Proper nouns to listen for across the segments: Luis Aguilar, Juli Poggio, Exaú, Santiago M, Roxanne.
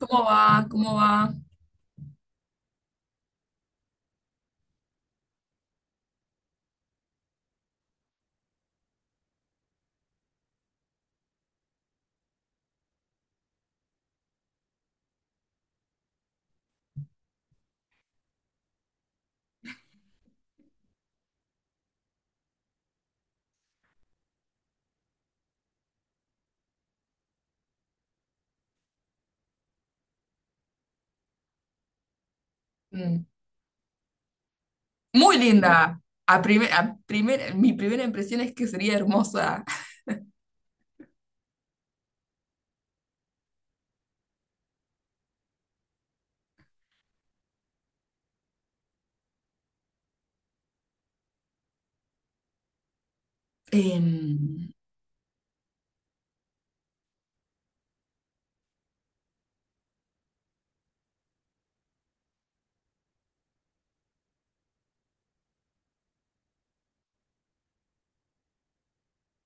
¿Cómo va? ¿Cómo va? Mm. Muy linda. A prime- a primer- mi primera impresión es que sería hermosa. Em,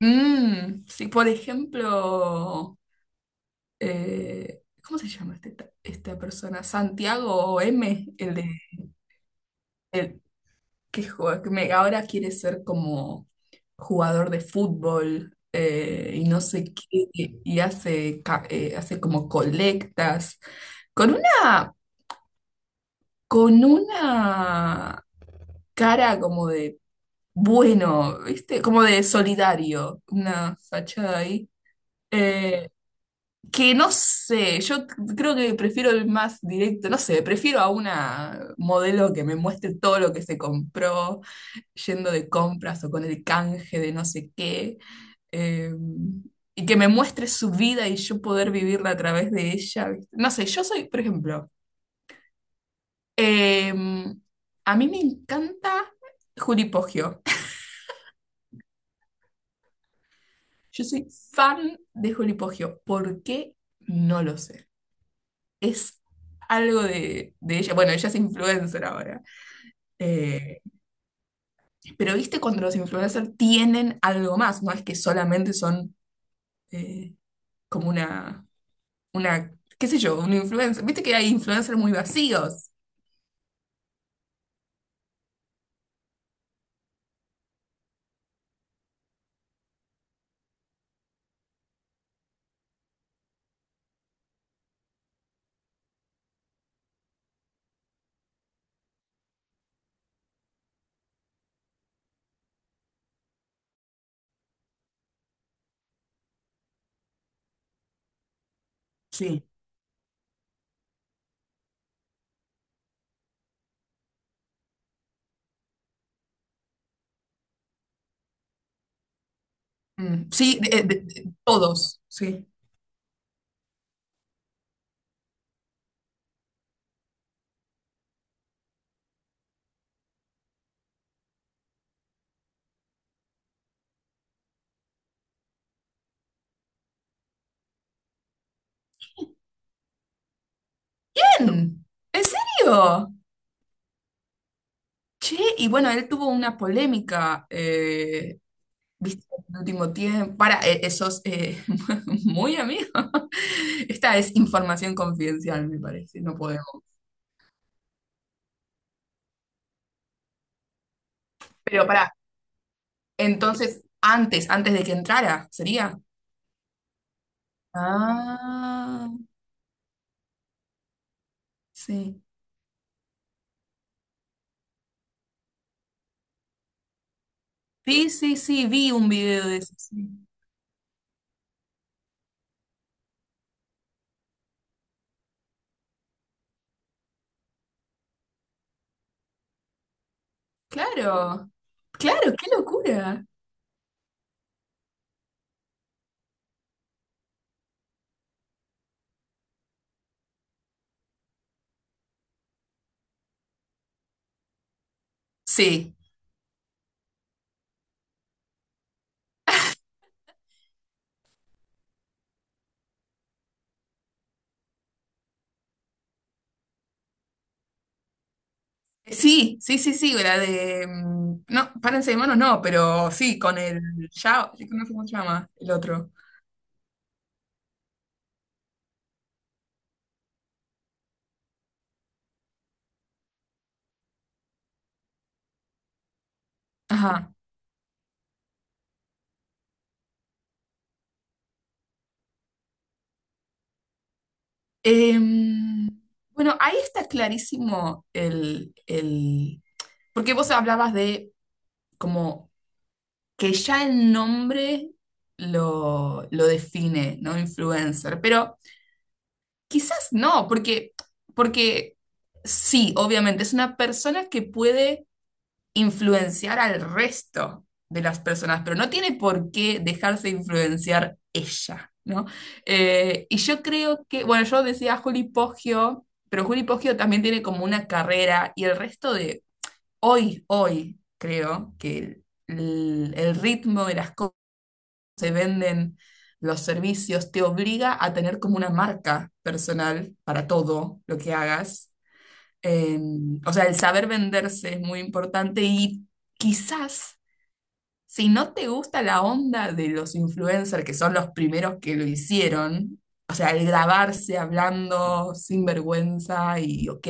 sí, por ejemplo, ¿cómo se llama esta persona? Santiago M, el de el que juega- que me- ahora quiere ser como jugador de fútbol y no sé qué, y hace, hace como colectas. Con una, con una cara como de bueno, ¿viste? Como de solidario, una fachada ahí. Eh, que no sé, yo creo que prefiero el más directo, no sé, prefiero a una modelo que me muestre todo lo que se compró, yendo de compras o con el canje de no sé qué, eh, y que me muestre su vida y yo poder vivirla a través de ella. ¿Viste? No sé, yo soy, por ejemplo, eh, a mí me encanta Juli Poggio. Yo soy fan de Juli Poggio. ¿Por qué? No lo sé. Es algo de ella. Bueno, ella es influencer ahora. Eh, pero viste cuando los influencers tienen algo más, no es que solamente son eh, como una, qué sé yo, un influencer. Viste que hay influencers muy vacíos. Sí. Mm, sí, todos, sí. Ven, ¿en serio? Che, y bueno, él tuvo una polémica viste, el último tiempo. Para, esos muy amigos. Esta es información confidencial, me parece, no podemos. Pero para, entonces, antes de que entrara, ¿sería? Ah, sí. Sí, sí, sí, vi un video de eso. Sí. Claro, claro, qué locura. Sí, sí, la de... mm, no, párense de manos, no, pero sí, con el... Ya, no sé cómo se llama, el otro. Ajá. Em, bueno, ahí está clarísimo porque vos hablabas de como que ya el nombre lo define, ¿no? Influencer, pero quizás no, porque sí, obviamente, es una persona que puede influenciar al resto de las personas, pero no tiene por qué dejarse influenciar ella, ¿no? Y yo creo que, bueno, yo decía Juli Poggio, pero Juli Poggio también tiene como una carrera y el resto de hoy, creo que el ritmo de las cosas se venden, los servicios, te obliga a tener como una marca personal para todo lo que hagas. Eh, o sea, el saber venderse es muy importante y quizás si no te gusta la onda de los influencers, que son los primeros que lo hicieron, o sea, el grabarse hablando sin vergüenza y, ok,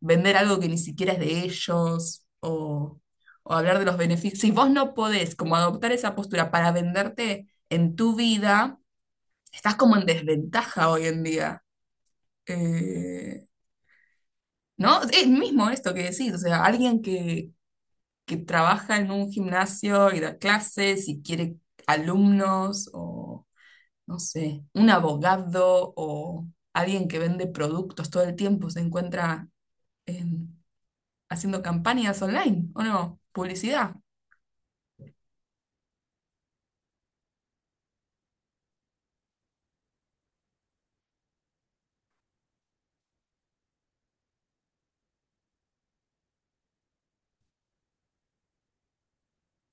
vender algo que ni siquiera es de ellos o hablar de los beneficios, si vos no podés como adoptar esa postura para venderte en tu vida, estás como en desventaja hoy en día. Eh, ¿No? Es mismo esto que decís, o sea, que trabaja en un gimnasio y da clases y quiere alumnos o, no sé, un abogado o alguien que vende productos todo el tiempo se encuentra em, haciendo campañas online, ¿o no? Publicidad.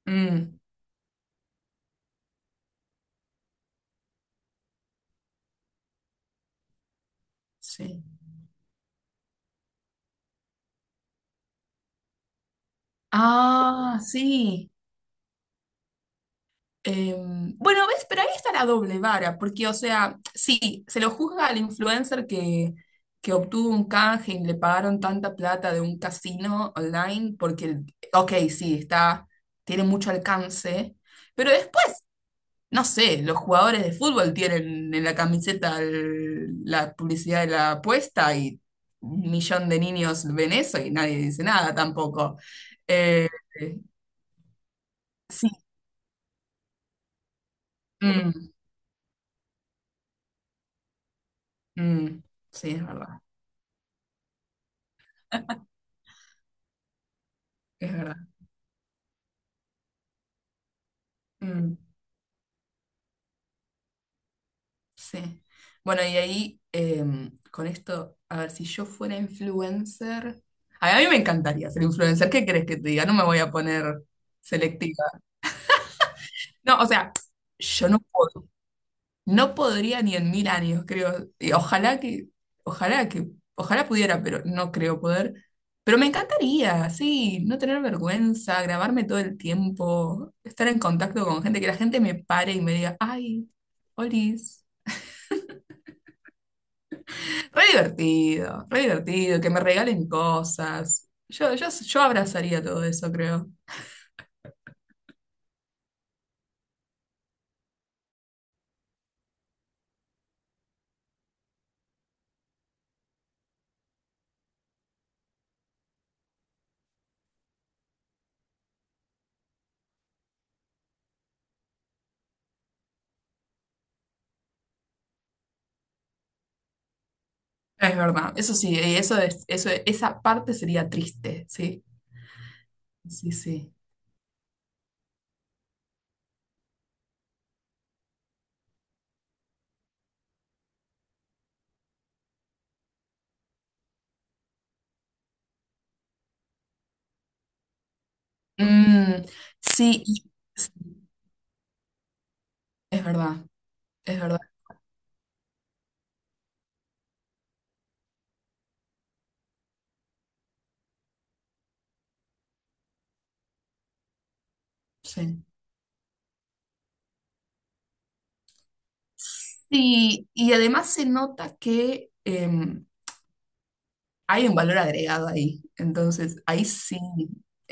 Mm, sí. Ah, sí. Bueno, ves, pero ahí está la doble vara, porque, o sea, sí, se lo juzga al influencer que obtuvo un canje y le pagaron tanta plata de un casino online, porque, ok, sí, está, tiene mucho alcance, pero después, no sé, los jugadores de fútbol tienen en la camiseta el- la publicidad de la apuesta y un millón de niños ven eso y nadie dice nada tampoco. Eh, sí, mm, mm, sí, es verdad, es verdad. Mm, sí. Bueno, y ahí con esto, a ver, si yo fuera influencer, a mí me encantaría ser influencer, ¿qué crees que te diga? No me voy a poner selectiva. No, o sea, yo no puedo, no podría ni en mil años, creo. Y ojalá que, ojalá pudiera, pero no creo poder. Pero me encantaría, sí, no tener vergüenza, grabarme todo el tiempo, estar en contacto con gente, que la gente me pare y me diga, ay, Olis. Re divertido, que me regalen cosas. Yo abrazaría todo eso, creo. Es verdad, eso sí, y eso es, eso, esa parte sería triste, sí, sí, sí. Mm, sí, y- es verdad, es verdad, sí. Sí, y además se nota que, hay un valor agregado ahí. Entonces, ahí sí,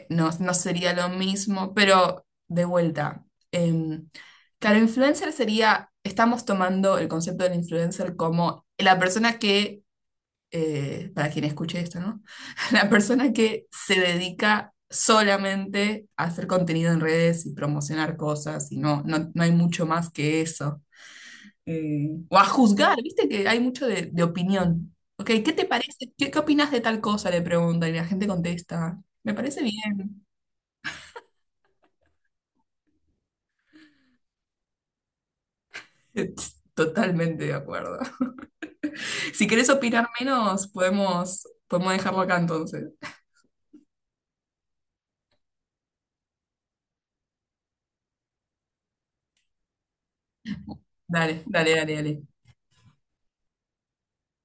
no sería lo mismo, pero de vuelta. em, claro, influencer sería, estamos tomando el concepto del influencer como la persona que, para quien escuche esto, ¿no? La persona que se dedica solamente a hacer contenido en redes y promocionar cosas y no, no hay mucho más que eso o a juzgar, viste que hay mucho de opinión. Ok, ¿qué te parece? ¿Qué, qué opinas de tal cosa? Le pregunta y la gente contesta. Me parece bien. Totalmente de acuerdo. Si querés opinar menos, podemos, podemos dejarlo acá entonces. Dale, dale, dale, dale.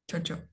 Chocho.